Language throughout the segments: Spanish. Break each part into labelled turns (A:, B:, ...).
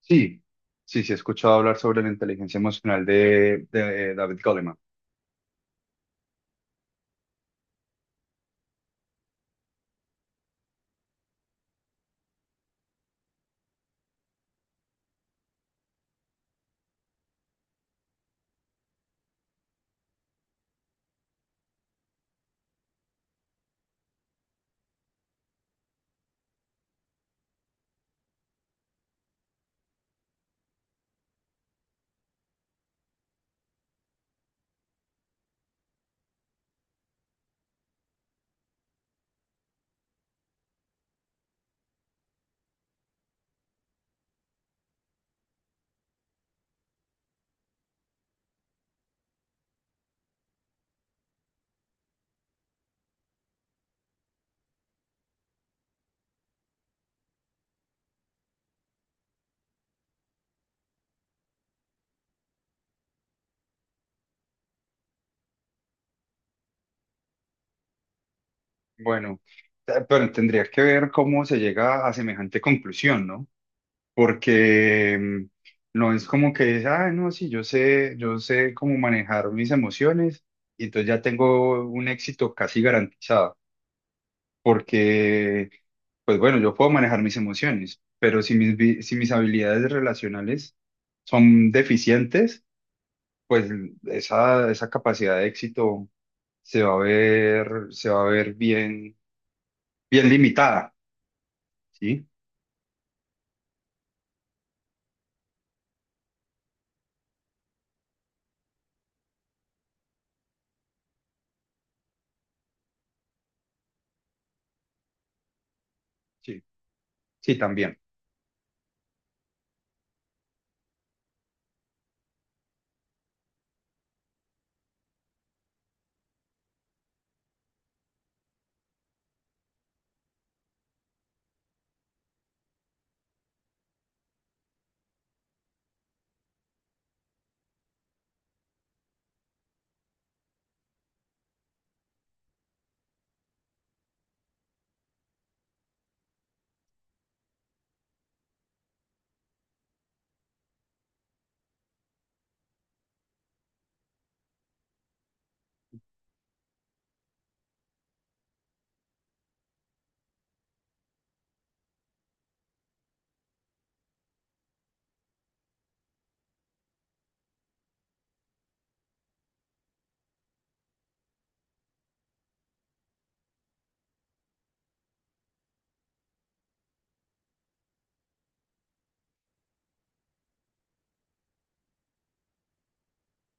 A: Sí, sí, sí, he escuchado hablar sobre la inteligencia emocional de David Goleman. Bueno, pero tendría que ver cómo se llega a semejante conclusión, ¿no? Porque no es como que, ah, no, sí, yo sé cómo manejar mis emociones y entonces ya tengo un éxito casi garantizado, porque, pues bueno, yo puedo manejar mis emociones, pero si mis habilidades relacionales son deficientes, pues esa capacidad de éxito se va a ver bien, bien limitada, ¿sí? Sí. Sí, también,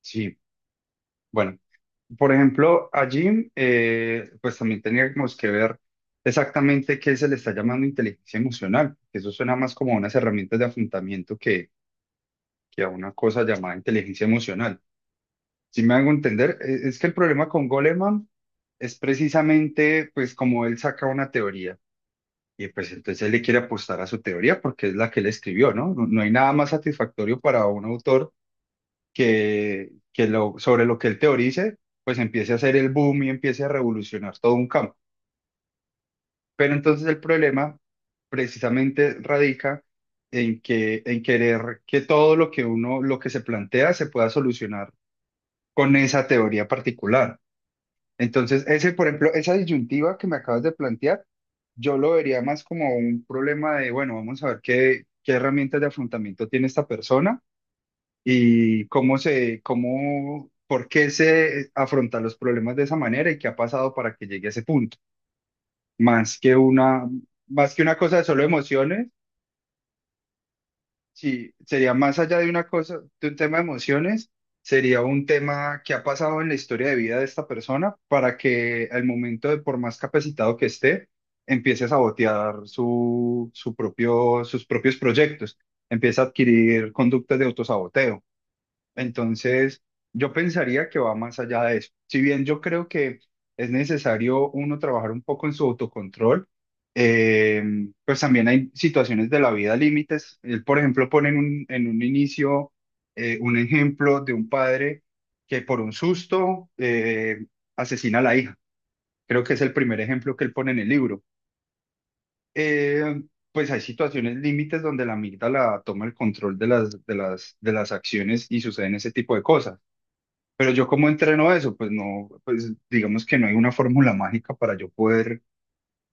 A: sí. Bueno, por ejemplo, allí, pues también teníamos que ver exactamente qué se le está llamando inteligencia emocional, que eso suena más como a unas herramientas de afrontamiento que a una cosa llamada inteligencia emocional. Si me hago entender. Es que el problema con Goleman es precisamente, pues, como él saca una teoría. Y pues entonces él le quiere apostar a su teoría porque es la que él escribió, ¿no? No, no hay nada más satisfactorio para un autor que sobre lo que él teorice, pues empiece a hacer el boom y empiece a revolucionar todo un campo. Pero entonces el problema precisamente radica en querer que todo lo que se plantea se pueda solucionar con esa teoría particular. Entonces, ese, por ejemplo, esa disyuntiva que me acabas de plantear, yo lo vería más como un problema de, bueno, vamos a ver qué herramientas de afrontamiento tiene esta persona y por qué se afronta los problemas de esa manera y qué ha pasado para que llegue a ese punto. Más que una, más que una cosa de solo emociones. Sí, sería más allá de una cosa, de un tema de emociones, sería un tema que ha pasado en la historia de vida de esta persona para que al momento de, por más capacitado que esté, empiece a sabotear sus propios proyectos, empiece a adquirir conductas de autosaboteo. Entonces, yo pensaría que va más allá de eso. Si bien yo creo que es necesario uno trabajar un poco en su autocontrol, eh, pues también hay situaciones de la vida límites. Él, por ejemplo, pone en un inicio un ejemplo de un padre que por un susto asesina a la hija. Creo que es el primer ejemplo que él pone en el libro. Eh, pues hay situaciones límites donde la amígdala toma el control de las acciones y suceden ese tipo de cosas. Pero yo cómo entreno eso, pues no, pues digamos que no hay una fórmula mágica para yo poder,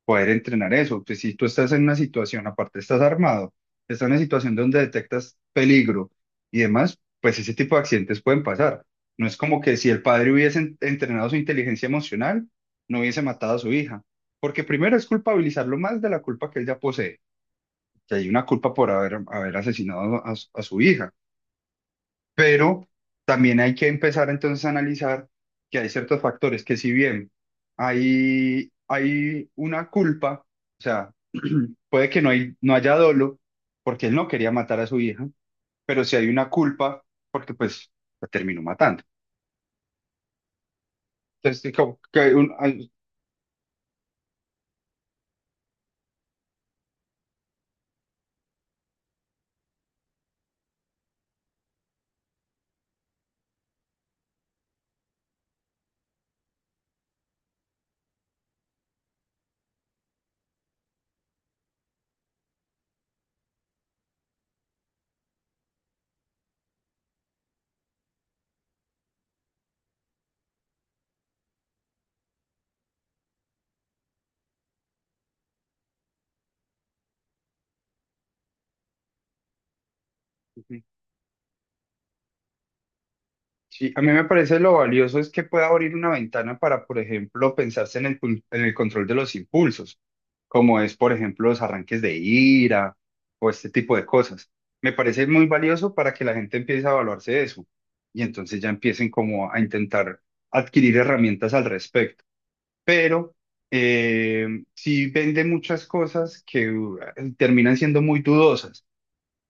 A: poder entrenar eso. Pues si tú estás en una situación, aparte estás armado, estás en una situación donde detectas peligro y demás, pues ese tipo de accidentes pueden pasar. No es como que si el padre hubiese entrenado su inteligencia emocional, no hubiese matado a su hija. Porque primero es culpabilizarlo más de la culpa que él ya posee, que hay una culpa por haber asesinado a su hija. Pero también hay que empezar entonces a analizar que hay ciertos factores que si bien hay una culpa, o sea, puede que no haya dolo porque él no quería matar a su hija, pero si hay una culpa porque pues la terminó matando. Entonces, como que Sí, a mí me parece lo valioso es que pueda abrir una ventana para, por ejemplo, pensarse en el control de los impulsos, como es, por ejemplo, los arranques de ira o este tipo de cosas. Me parece muy valioso para que la gente empiece a evaluarse de eso y entonces ya empiecen como a intentar adquirir herramientas al respecto. Pero sí vende muchas cosas que terminan siendo muy dudosas.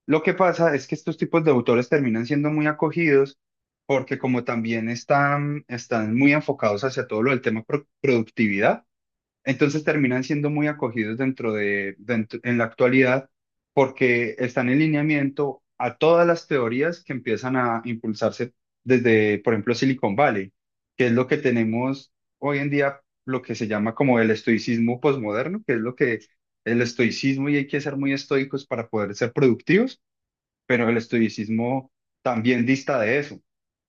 A: Lo que pasa es que estos tipos de autores terminan siendo muy acogidos porque como también están muy enfocados hacia todo lo del tema productividad, entonces terminan siendo muy acogidos en la actualidad porque están en lineamiento a todas las teorías que empiezan a impulsarse desde, por ejemplo, Silicon Valley, que es lo que tenemos hoy en día, lo que se llama como el estoicismo posmoderno, que es lo que el estoicismo, y hay que ser muy estoicos para poder ser productivos, pero el estoicismo también dista de eso.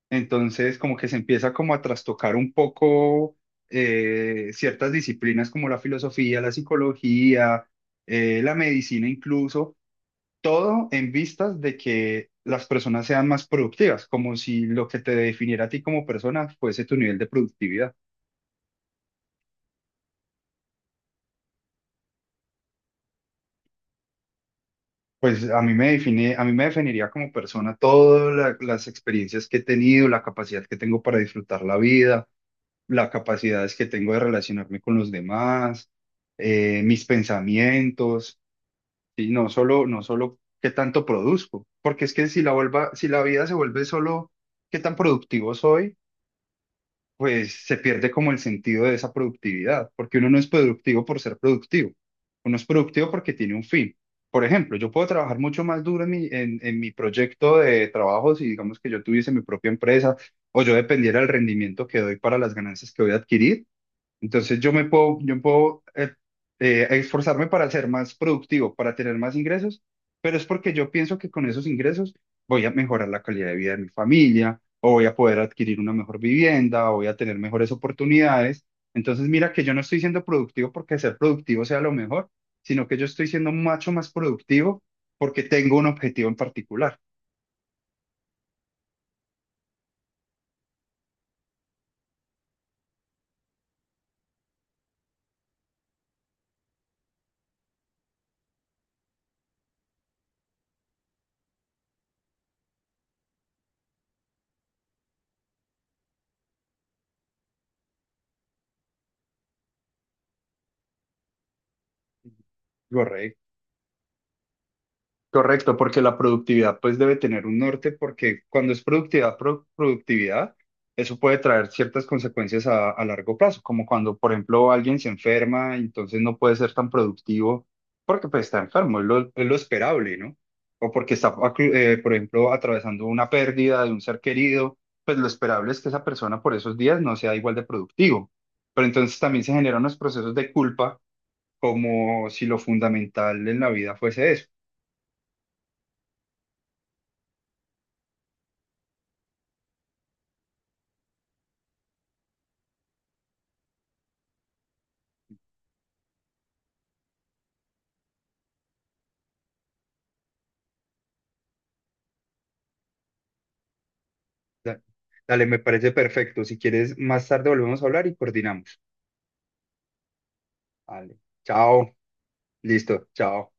A: Entonces, como que se empieza como a trastocar un poco ciertas disciplinas como la filosofía, la psicología, la medicina incluso, todo en vistas de que las personas sean más productivas, como si lo que te definiera a ti como persona fuese tu nivel de productividad. Pues a mí me definiría como persona todas las experiencias que he tenido, la capacidad que tengo para disfrutar la vida, las capacidades que tengo de relacionarme con los demás, mis pensamientos, y no solo qué tanto produzco, porque es que si la vida se vuelve solo qué tan productivo soy, pues se pierde como el sentido de esa productividad, porque uno no es productivo por ser productivo, uno es productivo porque tiene un fin. Por ejemplo, yo puedo trabajar mucho más duro en en mi proyecto de trabajo si digamos que yo tuviese mi propia empresa o yo dependiera del rendimiento que doy para las ganancias que voy a adquirir, entonces yo puedo esforzarme para ser más productivo, para tener más ingresos, pero es porque yo pienso que con esos ingresos voy a mejorar la calidad de vida de mi familia, o voy a poder adquirir una mejor vivienda, o voy a tener mejores oportunidades. Entonces mira que yo no estoy siendo productivo porque ser productivo sea lo mejor, sino que yo estoy siendo mucho más productivo porque tengo un objetivo en particular. Correcto. Correcto, porque la productividad pues debe tener un norte, porque cuando es productividad, productividad, eso puede traer ciertas consecuencias a largo plazo, como cuando, por ejemplo, alguien se enferma, entonces no puede ser tan productivo porque pues está enfermo, es lo esperable, ¿no? O porque está, por ejemplo, atravesando una pérdida de un ser querido, pues lo esperable es que esa persona por esos días no sea igual de productivo. Pero entonces también se generan unos procesos de culpa, como si lo fundamental en la vida fuese eso. Da- Dale, me parece perfecto. Si quieres, más tarde volvemos a hablar y coordinamos. Vale. Chao. Listo. Chao.